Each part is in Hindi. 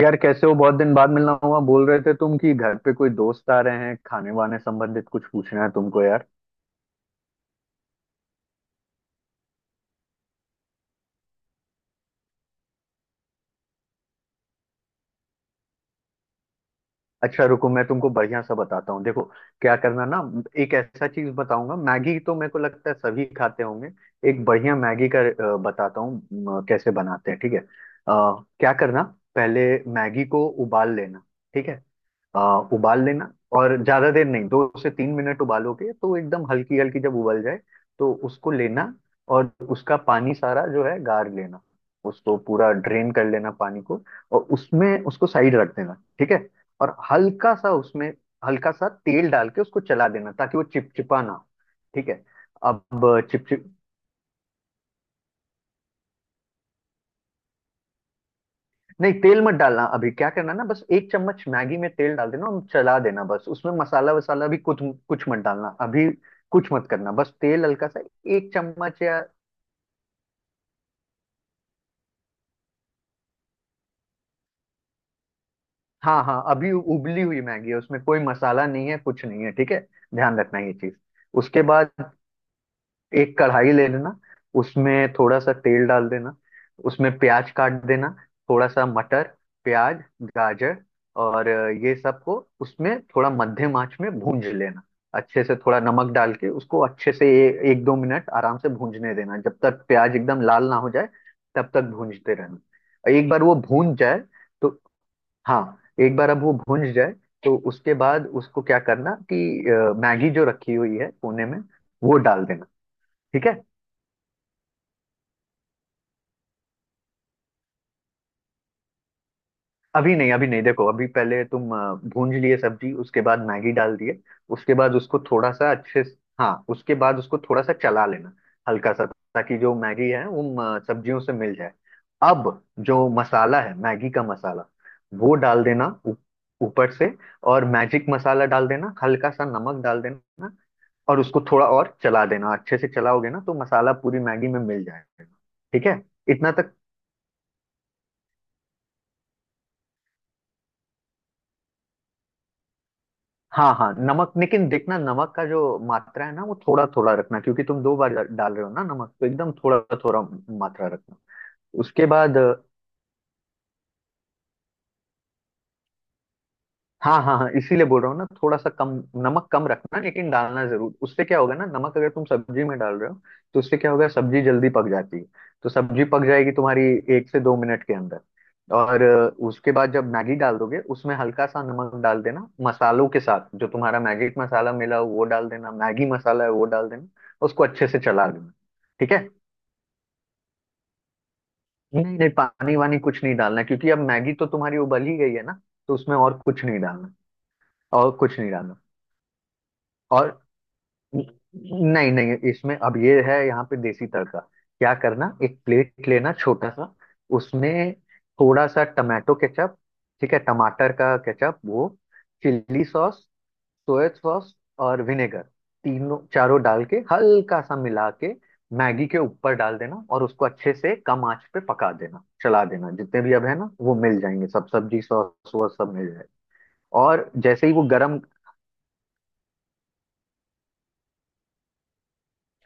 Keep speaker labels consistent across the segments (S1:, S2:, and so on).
S1: यार कैसे हो। बहुत दिन बाद मिलना हुआ। बोल रहे थे तुम कि घर पे कोई दोस्त आ रहे हैं। खाने वाने संबंधित कुछ पूछना है तुमको यार? अच्छा रुको, मैं तुमको बढ़िया सा बताता हूँ। देखो क्या करना ना, एक ऐसा चीज बताऊंगा। मैगी तो मेरे को लगता है सभी खाते होंगे। एक बढ़िया मैगी का बताता हूँ कैसे बनाते हैं, ठीक है। क्या करना पहले, मैगी को उबाल लेना। ठीक है। उबाल लेना और ज्यादा देर नहीं, 2 से 3 मिनट उबालोगे तो एकदम हल्की हल्की जब उबल जाए, तो उसको लेना और उसका पानी सारा जो है गार लेना। उसको पूरा ड्रेन कर लेना पानी को, और उसमें उसको साइड रख देना, ठीक है। और हल्का सा उसमें, हल्का सा तेल डाल के उसको चला देना, ताकि वो चिपचिपा ना हो। ठीक है। अब चिपचिप नहीं, तेल मत डालना अभी। क्या करना ना, बस 1 चम्मच मैगी में तेल डाल देना और चला देना बस। उसमें मसाला वसाला भी कुछ कुछ मत डालना अभी। कुछ मत करना, बस तेल हल्का सा, 1 चम्मच। या हाँ, हाँ, अभी उबली हुई मैगी है, उसमें कोई मसाला नहीं है, कुछ नहीं है, ठीक है। ध्यान रखना ये चीज। उसके बाद एक कढ़ाई ले लेना, उसमें थोड़ा सा तेल डाल देना। उसमें प्याज काट देना, थोड़ा सा मटर, प्याज, गाजर और ये सबको उसमें थोड़ा मध्यम आंच में भूंज लेना अच्छे से। थोड़ा नमक डाल के उसको अच्छे से, 1 2 मिनट आराम से भूंजने देना। जब तक प्याज एकदम लाल ना हो जाए, तब तक भूंजते रहना। एक बार वो भूंज जाए तो, हाँ, एक बार अब वो भूंज जाए तो उसके बाद उसको क्या करना कि मैगी जो रखी हुई है कोने में, वो डाल देना। ठीक है। अभी नहीं, अभी नहीं, देखो, अभी पहले तुम भूंज लिए सब्जी, उसके बाद मैगी डाल दिए। उसके बाद उसको थोड़ा सा हाँ, उसके बाद उसको थोड़ा सा चला लेना, हल्का सा, ताकि जो मैगी है वो सब्जियों से मिल जाए। अब जो मसाला है, मैगी का मसाला, वो डाल देना ऊपर से। और मैजिक मसाला डाल देना, हल्का सा नमक डाल देना, और उसको थोड़ा और चला देना। अच्छे से चलाओगे ना, तो मसाला पूरी मैगी में मिल जाएगा। ठीक है, इतना तक। हाँ, हाँ, नमक लेकिन देखना, नमक का जो मात्रा है ना, वो थोड़ा थोड़ा रखना, क्योंकि तुम दो बार डाल रहे हो ना नमक, तो एकदम थोड़ा थोड़ा मात्रा रखना। उसके बाद, हाँ हाँ हाँ, इसीलिए बोल रहा हूँ ना थोड़ा सा कम। नमक कम रखना लेकिन डालना जरूर। उससे क्या होगा ना, नमक अगर तुम सब्जी में डाल रहे हो तो उससे क्या होगा, सब्जी जल्दी पक जाती है। तो सब्जी पक जाएगी तुम्हारी 1 से 2 मिनट के अंदर। और उसके बाद जब मैगी डाल दोगे, उसमें हल्का सा नमक डाल देना, मसालों के साथ जो तुम्हारा मैगी मसाला मिला हो वो डाल देना। मैगी मसाला है वो डाल देना, उसको अच्छे से चला देना। ठीक है। नहीं नहीं, पानी वानी कुछ नहीं डालना, क्योंकि अब मैगी तो तुम्हारी उबल ही गई है ना, तो उसमें और कुछ नहीं डालना। और कुछ नहीं डालना। और नहीं नहीं, इसमें अब ये है, यहाँ पे देसी तड़का। क्या करना, एक प्लेट लेना छोटा सा, उसमें थोड़ा सा टमाटो केचप, ठीक है, टमाटर का केचप वो, चिल्ली सॉस, सोया सॉस, और विनेगर, तीनों चारों डाल के हल्का सा मिला के मैगी के ऊपर डाल देना। और उसको अच्छे से कम आंच पे पका देना, चला देना। जितने भी अब है ना वो मिल जाएंगे सब, सब्जी, सॉस वॉस सब मिल जाएगा। और जैसे ही वो गरम,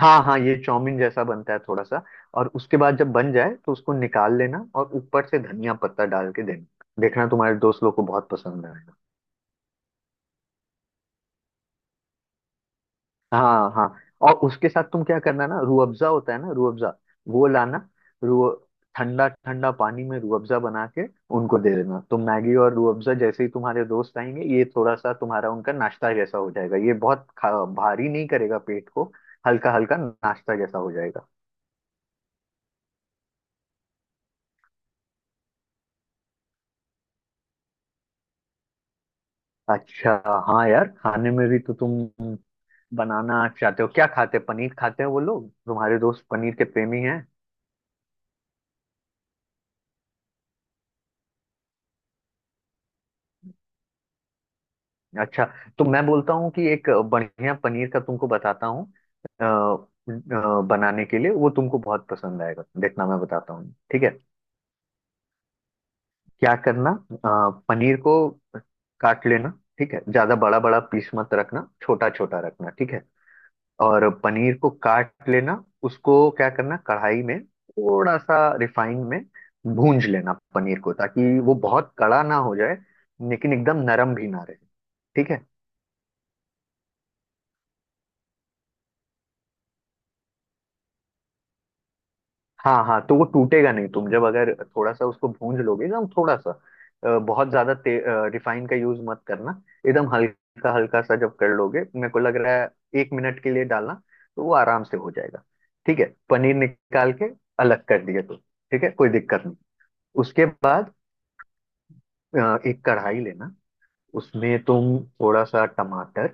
S1: हाँ हाँ, ये चाउमीन जैसा बनता है थोड़ा सा। और उसके बाद जब बन जाए, तो उसको निकाल लेना और ऊपर से धनिया पत्ता डाल के देना। देखना, तुम्हारे दोस्त लोग को बहुत पसंद आएगा। हाँ हाँ। और उसके साथ तुम क्या करना ना, रूह अफ़ज़ा होता है ना, रूह अफ़ज़ा वो लाना। रूह, ठंडा ठंडा पानी में रूह अफ़ज़ा बना के उनको दे देना। तो मैगी और रूह अफ़ज़ा, जैसे ही तुम्हारे दोस्त आएंगे, ये थोड़ा सा तुम्हारा उनका नाश्ता जैसा हो जाएगा। ये बहुत भारी नहीं करेगा पेट को, हल्का हल्का नाश्ता जैसा हो जाएगा। अच्छा, हाँ यार, खाने में भी तो तुम बनाना चाहते हो, क्या खाते हैं, पनीर खाते हैं वो लोग? तुम्हारे दोस्त पनीर के प्रेमी हैं? अच्छा, तो मैं बोलता हूँ कि एक बढ़िया पनीर का तुमको बताता हूँ बनाने के लिए। वो तुमको बहुत पसंद आएगा, देखना। मैं बताता हूँ, ठीक है। क्या करना, पनीर को काट लेना, ठीक है। ज्यादा बड़ा बड़ा पीस मत रखना, छोटा छोटा रखना, ठीक है। और पनीर को काट लेना, उसको क्या करना, कढ़ाई में थोड़ा सा रिफाइंड में भूंज लेना पनीर को, ताकि वो बहुत कड़ा ना हो जाए, लेकिन एकदम नरम भी ना रहे, ठीक है। हाँ हाँ, तो वो टूटेगा नहीं। तुम जब अगर थोड़ा सा उसको भूंज लोगे एकदम थोड़ा सा, बहुत ज्यादा रिफाइन का यूज मत करना। एकदम हल्का हल्का सा जब कर लोगे, मेरे को लग रहा है 1 मिनट के लिए डालना, तो वो आराम से हो जाएगा, ठीक है। पनीर निकाल के अलग कर दिया तो ठीक है, कोई दिक्कत नहीं। उसके बाद एक कढ़ाई लेना, उसमें तुम थोड़ा सा टमाटर,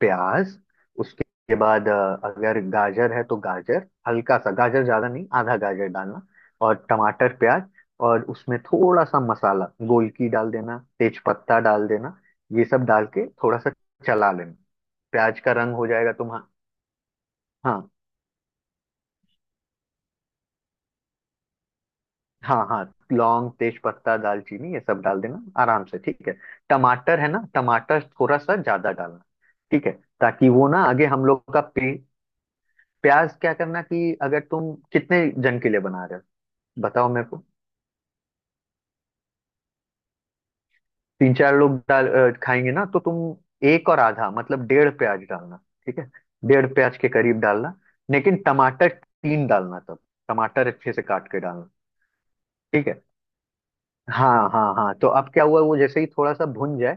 S1: प्याज, उसके बाद अगर गाजर है तो गाजर हल्का सा, गाजर ज्यादा नहीं, आधा गाजर डालना, और टमाटर, प्याज। और उसमें थोड़ा सा मसाला गोलकी डाल देना, तेज पत्ता डाल देना। ये सब डाल के थोड़ा सा चला लेना, प्याज का रंग हो जाएगा तुम। हाँ हाँ हाँ, लौंग, तेज पत्ता, दालचीनी, ये सब डाल देना आराम से, ठीक है। टमाटर है ना, टमाटर थोड़ा सा ज्यादा डालना, ठीक है, ताकि वो ना आगे हम लोग का प्याज क्या करना कि, अगर तुम कितने जन के लिए बना रहे हो बताओ मेरे को। तीन चार लोग खाएंगे ना, तो तुम एक और आधा, मतलब डेढ़ प्याज डालना, ठीक है। डेढ़ प्याज के करीब डालना, लेकिन टमाटर तीन डालना तब। टमाटर अच्छे से काट के डालना। ठीक है। हाँ हाँ हाँ, तो अब क्या हुआ, वो जैसे ही थोड़ा सा भुन जाए,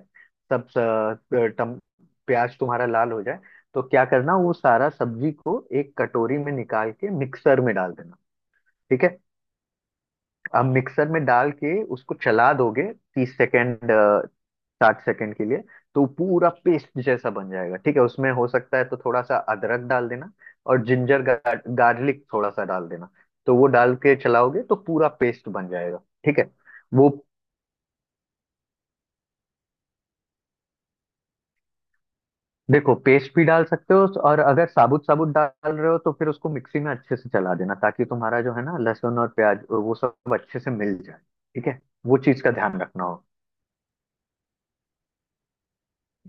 S1: सब स- टम, प्याज तुम्हारा लाल हो जाए, तो क्या करना, वो सारा सब्जी को एक कटोरी में निकाल के मिक्सर में डाल देना, ठीक है। अब मिक्सर में डाल के उसको चला दोगे 30 सेकेंड, 60 सेकेंड के लिए, तो पूरा पेस्ट जैसा बन जाएगा, ठीक है। उसमें हो सकता है तो थोड़ा सा अदरक डाल देना और जिंजर गार्लिक थोड़ा सा डाल देना, तो वो डाल के चलाओगे तो पूरा पेस्ट बन जाएगा, ठीक है। वो देखो, पेस्ट भी डाल सकते हो, और अगर साबुत साबुत डाल रहे हो तो फिर उसको मिक्सी में अच्छे से चला देना, ताकि तुम्हारा जो है ना, लहसुन और प्याज वो सब अच्छे से मिल जाए। ठीक है, वो चीज का ध्यान रखना हो।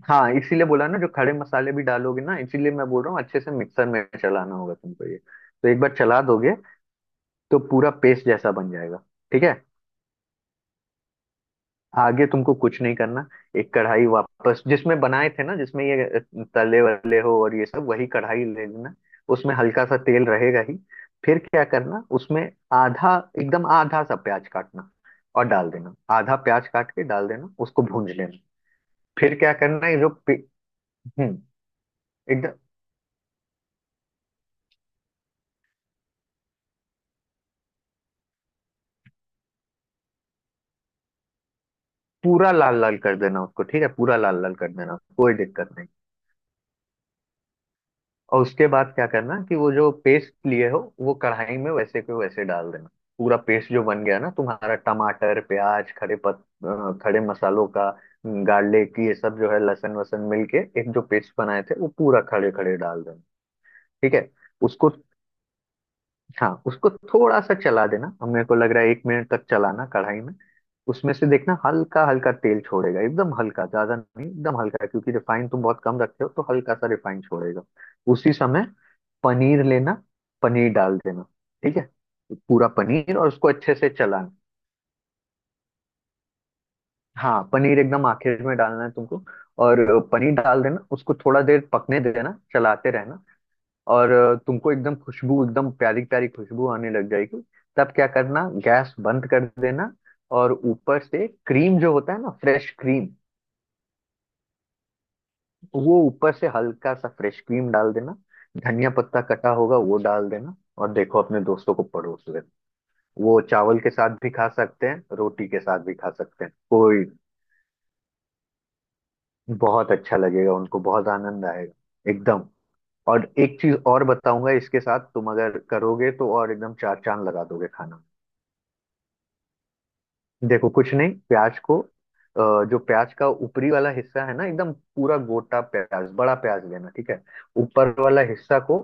S1: हाँ, इसीलिए बोला ना, जो खड़े मसाले भी डालोगे ना, इसीलिए मैं बोल रहा हूँ अच्छे से मिक्सर में चलाना होगा तुमको। ये तो एक बार चला दोगे तो पूरा पेस्ट जैसा बन जाएगा, ठीक है। आगे तुमको कुछ नहीं करना। एक कढ़ाई वापस जिसमें बनाए थे ना, जिसमें ये तले वले हो और ये सब, वही कढ़ाई ले लेना। उसमें हल्का सा तेल रहेगा ही। फिर क्या करना, उसमें आधा, एकदम आधा सा प्याज काटना और डाल देना, आधा प्याज काट के डाल देना, उसको भूंज लेना। फिर क्या करना है, हम्म एकदम पूरा लाल लाल कर देना उसको, ठीक है, पूरा लाल लाल कर देना, कोई दिक्कत नहीं। और उसके बाद क्या करना कि वो जो पेस्ट लिए हो, वो कढ़ाई में वैसे के वैसे डाल देना। पूरा पेस्ट जो बन गया ना तुम्हारा, टमाटर, प्याज, खड़े मसालों का, गार्लिक, ये सब जो है, लहसुन वसन मिलके एक जो पेस्ट बनाए थे, वो पूरा खड़े खड़े डाल देना, ठीक है। उसको, हाँ, उसको थोड़ा सा चला देना। अब मेरे को लग रहा है एक मिनट तक चलाना कढ़ाई में। उसमें से देखना हल्का हल्का तेल छोड़ेगा, एकदम हल्का, ज्यादा नहीं, एकदम हल्का, क्योंकि रिफाइन तुम बहुत कम रखते हो, तो हल्का सा रिफाइन छोड़ेगा। उसी समय पनीर लेना, पनीर डाल देना, ठीक है, पूरा पनीर, और उसको अच्छे से चलाना। हाँ, पनीर एकदम आखिर में डालना है तुमको। और पनीर डाल देना, उसको थोड़ा देर पकने देना, चलाते रहना। और तुमको एकदम खुशबू, एकदम प्यारी प्यारी खुशबू आने लग जाएगी। तब क्या करना, गैस बंद कर देना। और ऊपर से क्रीम जो होता है ना, फ्रेश क्रीम, तो वो ऊपर से हल्का सा फ्रेश क्रीम डाल देना। धनिया पत्ता कटा होगा वो डाल देना, और देखो, अपने दोस्तों को परोस देना। वो चावल के साथ भी खा सकते हैं, रोटी के साथ भी खा सकते हैं कोई। बहुत अच्छा लगेगा उनको, बहुत आनंद आएगा एकदम। और एक चीज और बताऊंगा, इसके साथ तुम अगर करोगे तो और एकदम चार चांद लगा दोगे खाना। देखो कुछ नहीं, प्याज को जो प्याज का ऊपरी वाला हिस्सा है ना, एकदम पूरा गोटा प्याज, बड़ा प्याज लेना, ठीक है। ऊपर वाला हिस्सा को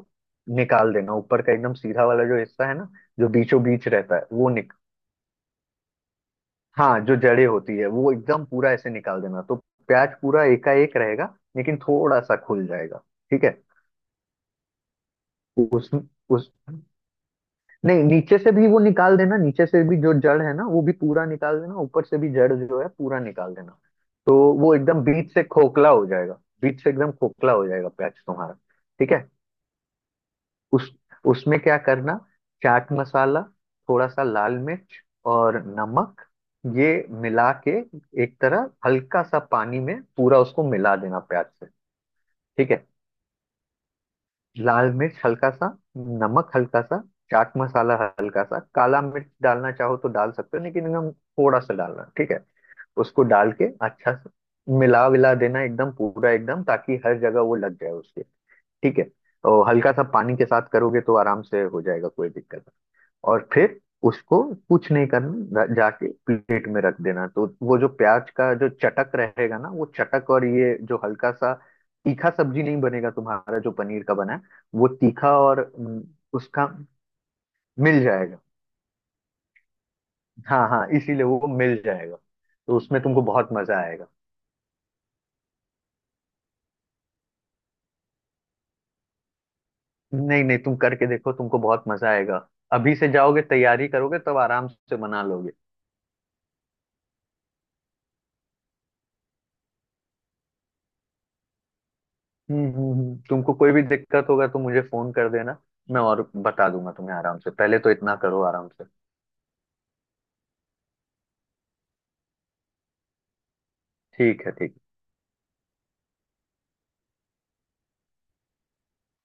S1: निकाल देना, ऊपर का एकदम सीधा वाला जो हिस्सा है ना, जो बीचों बीच रहता है, वो निक हाँ, जो जड़ें होती है वो एकदम पूरा ऐसे निकाल देना, तो प्याज पूरा एकाएक रहेगा लेकिन थोड़ा सा खुल जाएगा, ठीक है। उस उस नहीं, नीचे से भी वो निकाल देना, नीचे से भी जो जड़ है ना वो भी पूरा निकाल देना, ऊपर से भी जड़ जो है पूरा निकाल देना, तो वो एकदम बीच से खोखला हो जाएगा। बीच से एकदम खोखला हो जाएगा प्याज तुम्हारा, ठीक है। उस उसमें क्या करना, चाट मसाला, थोड़ा सा लाल मिर्च, और नमक, ये मिला के, एक तरह हल्का सा पानी में पूरा उसको मिला देना प्याज से, ठीक है। लाल मिर्च हल्का सा, नमक हल्का सा, चाट मसाला, हल्का सा काला मिर्च डालना चाहो तो डाल सकते हो, लेकिन एकदम थोड़ा सा डालना, ठीक है। उसको डाल के अच्छा से मिला विला देना एकदम पूरा, एकदम, ताकि हर जगह वो लग जाए उसके, ठीक है। और हल्का सा पानी के साथ करोगे तो आराम से हो जाएगा, कोई दिक्कत। और फिर उसको कुछ नहीं करना, जाके प्लेट में रख देना, तो वो जो प्याज का जो चटक रहेगा ना, वो चटक, और ये जो हल्का सा तीखा सब्जी नहीं बनेगा तुम्हारा जो पनीर का बना है, वो तीखा, और उसका मिल जाएगा। हाँ हाँ, इसीलिए वो मिल जाएगा, तो उसमें तुमको बहुत मजा आएगा। नहीं नहीं, तुम करके देखो, तुमको बहुत मजा आएगा। अभी से जाओगे तैयारी करोगे, तब आराम से बना लोगे। तुमको कोई भी दिक्कत होगा तो मुझे फोन कर देना, मैं और बता दूंगा तुम्हें आराम से। पहले तो इतना करो आराम से, ठीक है ठीक।